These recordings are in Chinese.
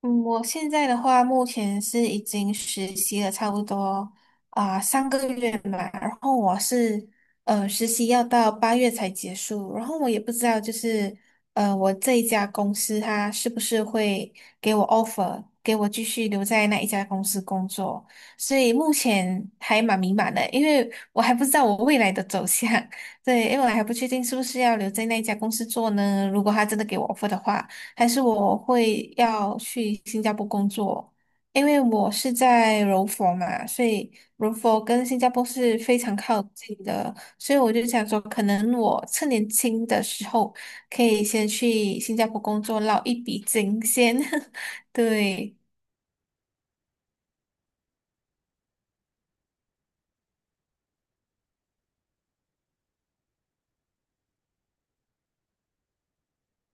嗯，我现在的话，目前是已经实习了差不多三个月嘛，然后我是实习要到八月才结束，然后我也不知道就是我这一家公司它是不是会给我 offer，给我继续留在那一家公司工作，所以目前还蛮迷茫的，因为我还不知道我未来的走向，对，因为我还不确定是不是要留在那一家公司做呢，如果他真的给我 offer 的话。还是我会要去新加坡工作？因为我是在柔佛嘛，所以柔佛跟新加坡是非常靠近的，所以我就想说，可能我趁年轻的时候可以先去新加坡工作，捞一笔金先。对，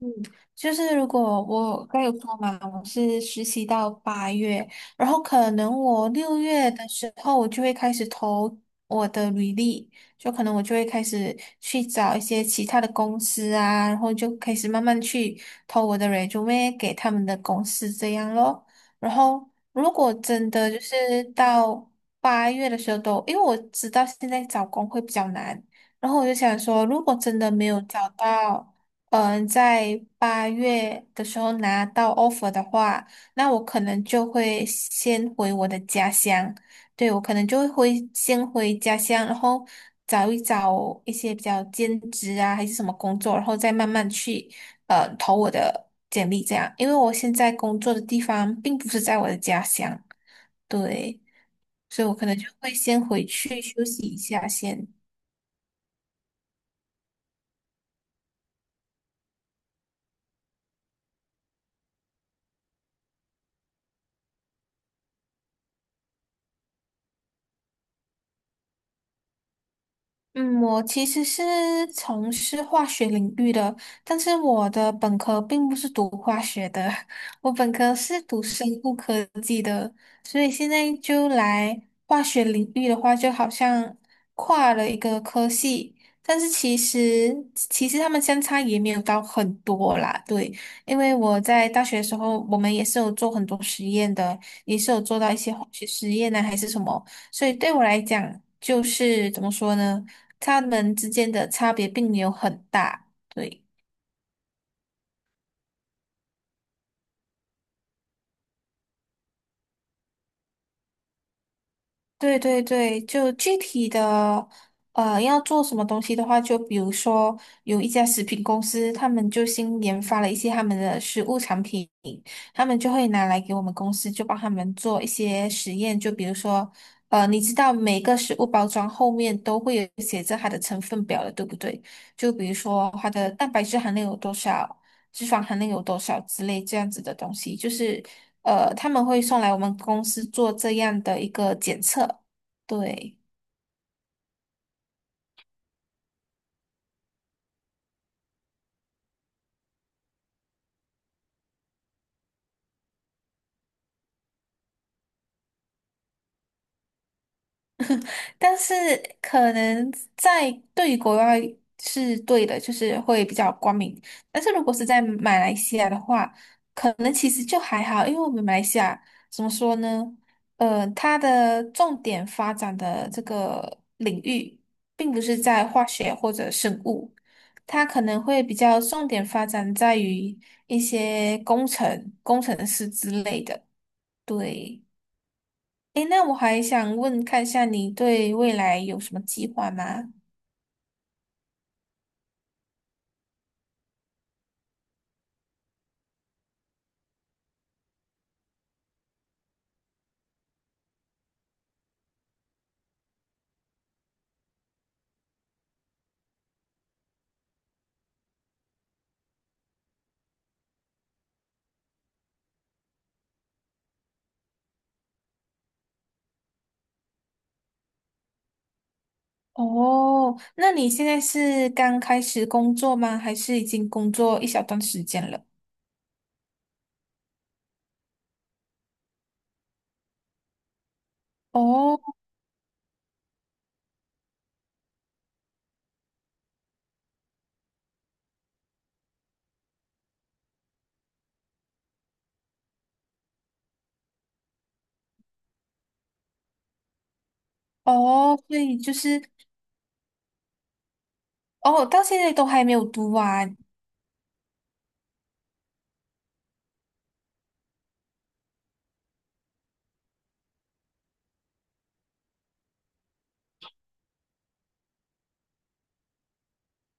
嗯，就是如果我刚有说嘛，我是实习到八月，然后可能我六月的时候，我就会开始投我的履历，就可能我就会开始去找一些其他的公司啊，然后就开始慢慢去投我的 resume 给他们的公司这样咯。然后如果真的就是到八月的时候都，因为我知道现在找工会比较难，然后我就想说，如果真的没有找到。在八月的时候拿到 offer 的话，那我可能就会先回我的家乡。对，我可能就会先回家乡，然后找一些比较兼职啊，还是什么工作，然后再慢慢去投我的简历这样。因为我现在工作的地方并不是在我的家乡，对，所以我可能就会先回去休息一下先。嗯，我其实是从事化学领域的，但是我的本科并不是读化学的，我本科是读生物科技的，所以现在就来化学领域的话，就好像跨了一个科系，但是其实他们相差也没有到很多啦，对，因为我在大学的时候，我们也是有做很多实验的，也是有做到一些化学实验呢、还是什么。所以对我来讲，就是怎么说呢？他们之间的差别并没有很大。对，对对对，就具体的，要做什么东西的话，就比如说有一家食品公司，他们就新研发了一些他们的食物产品，他们就会拿来给我们公司，就帮他们做一些实验，就比如说。你知道每个食物包装后面都会有写着它的成分表的，对不对？就比如说它的蛋白质含量有多少，脂肪含量有多少之类这样子的东西，就是他们会送来我们公司做这样的一个检测，对。但是可能在对于国外是对的，就是会比较光明。但是如果是在马来西亚的话，可能其实就还好，因为我们马来西亚怎么说呢？它的重点发展的这个领域，并不是在化学或者生物，它可能会比较重点发展在于一些工程、工程师之类的。对。诶，那我还想问，看一下你对未来有什么计划吗？哦，那你现在是刚开始工作吗？还是已经工作一小段时间了？哦哦，所以就是哦，到现在都还没有读完。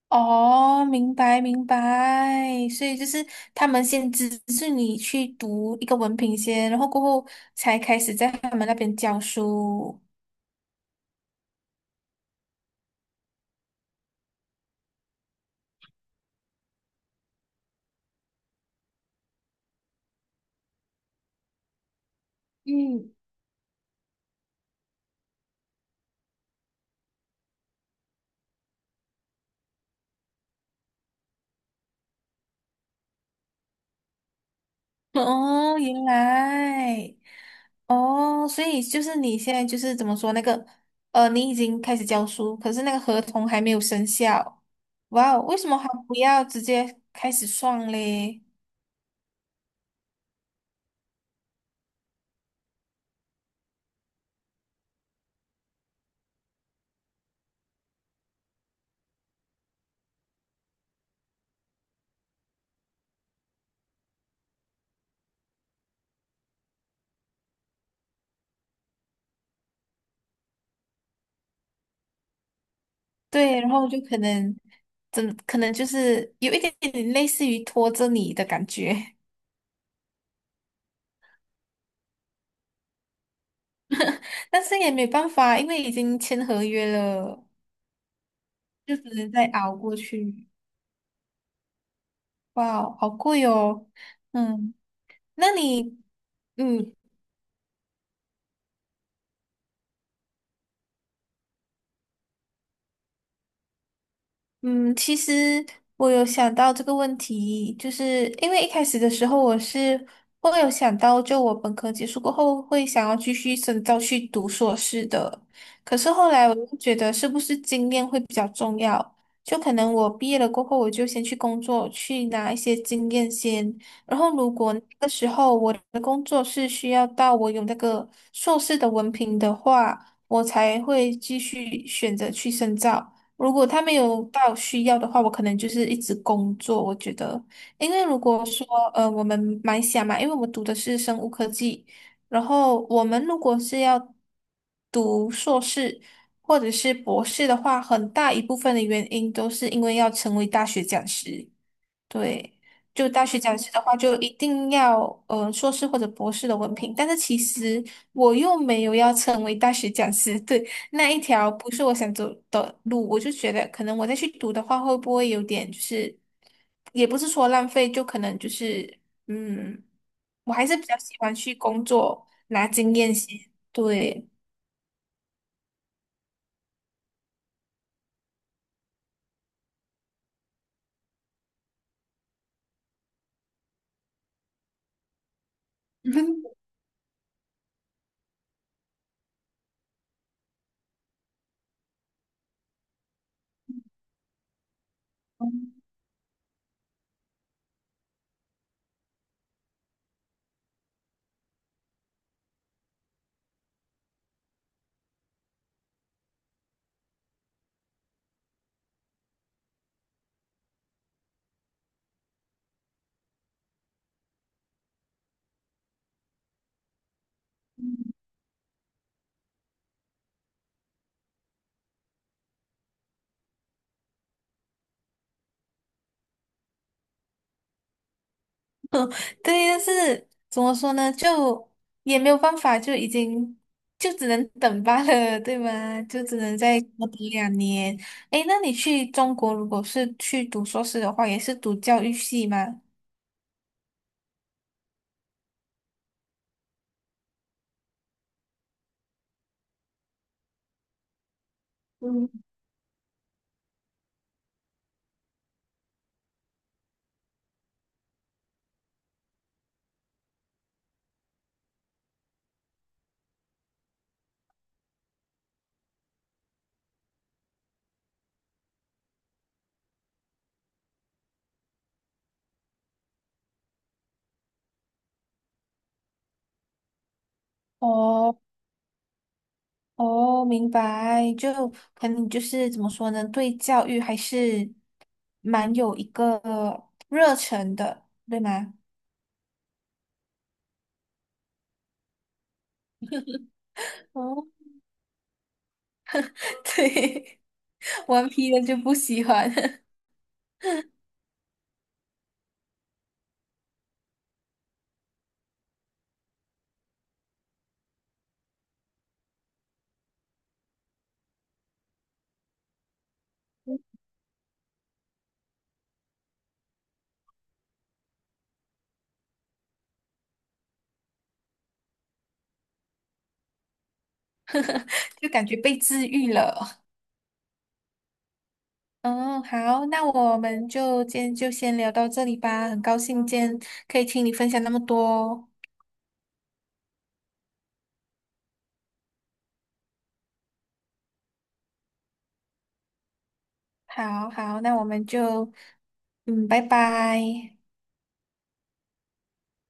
哦，明白明白，所以就是他们先资助你去读一个文凭先，然后过后才开始在他们那边教书。嗯，哦，原来，哦，所以就是你现在就是怎么说那个，你已经开始教书，可是那个合同还没有生效。哇哦，为什么还不要直接开始算嘞？对，然后就可能，怎可能就是有一点点类似于拖着你的感觉，但是也没办法，因为已经签合约了，就只能再熬过去。哇哦好贵哦。嗯，那你？嗯，嗯，其实我有想到这个问题，就是因为一开始的时候我是会有想到，就我本科结束过后会想要继续深造去读硕士的，可是后来我就觉得是不是经验会比较重要，就可能我毕业了过后我就先去工作，去拿一些经验先，然后如果那个时候我的工作是需要到我有那个硕士的文凭的话，我才会继续选择去深造。如果他没有到需要的话，我可能就是一直工作。我觉得，因为如果说我们马来西亚嘛，因为我们读的是生物科技，然后我们如果是要读硕士或者是博士的话，很大一部分的原因都是因为要成为大学讲师。对，就大学讲师的话，就一定要硕士或者博士的文凭。但是其实我又没有要成为大学讲师，对，那一条不是我想走的路，我就觉得可能我再去读的话，会不会有点就是，也不是说浪费，就可能就是嗯，我还是比较喜欢去工作拿经验先，对。对，但是怎么说呢，就也没有办法，就已经就只能等罢了，对吗？就只能再多等两年。诶，那你去中国，如果是去读硕士的话，也是读教育系吗？嗯。哦哦，明白，就可能就是怎么说呢，对教育还是蛮有一个热忱的，对吗？哦，对，顽皮的就不喜欢，就感觉被治愈了。嗯，好，那我们就今天就先聊到这里吧。很高兴今天可以听你分享那么多哦。好好，那我们就，嗯，拜拜。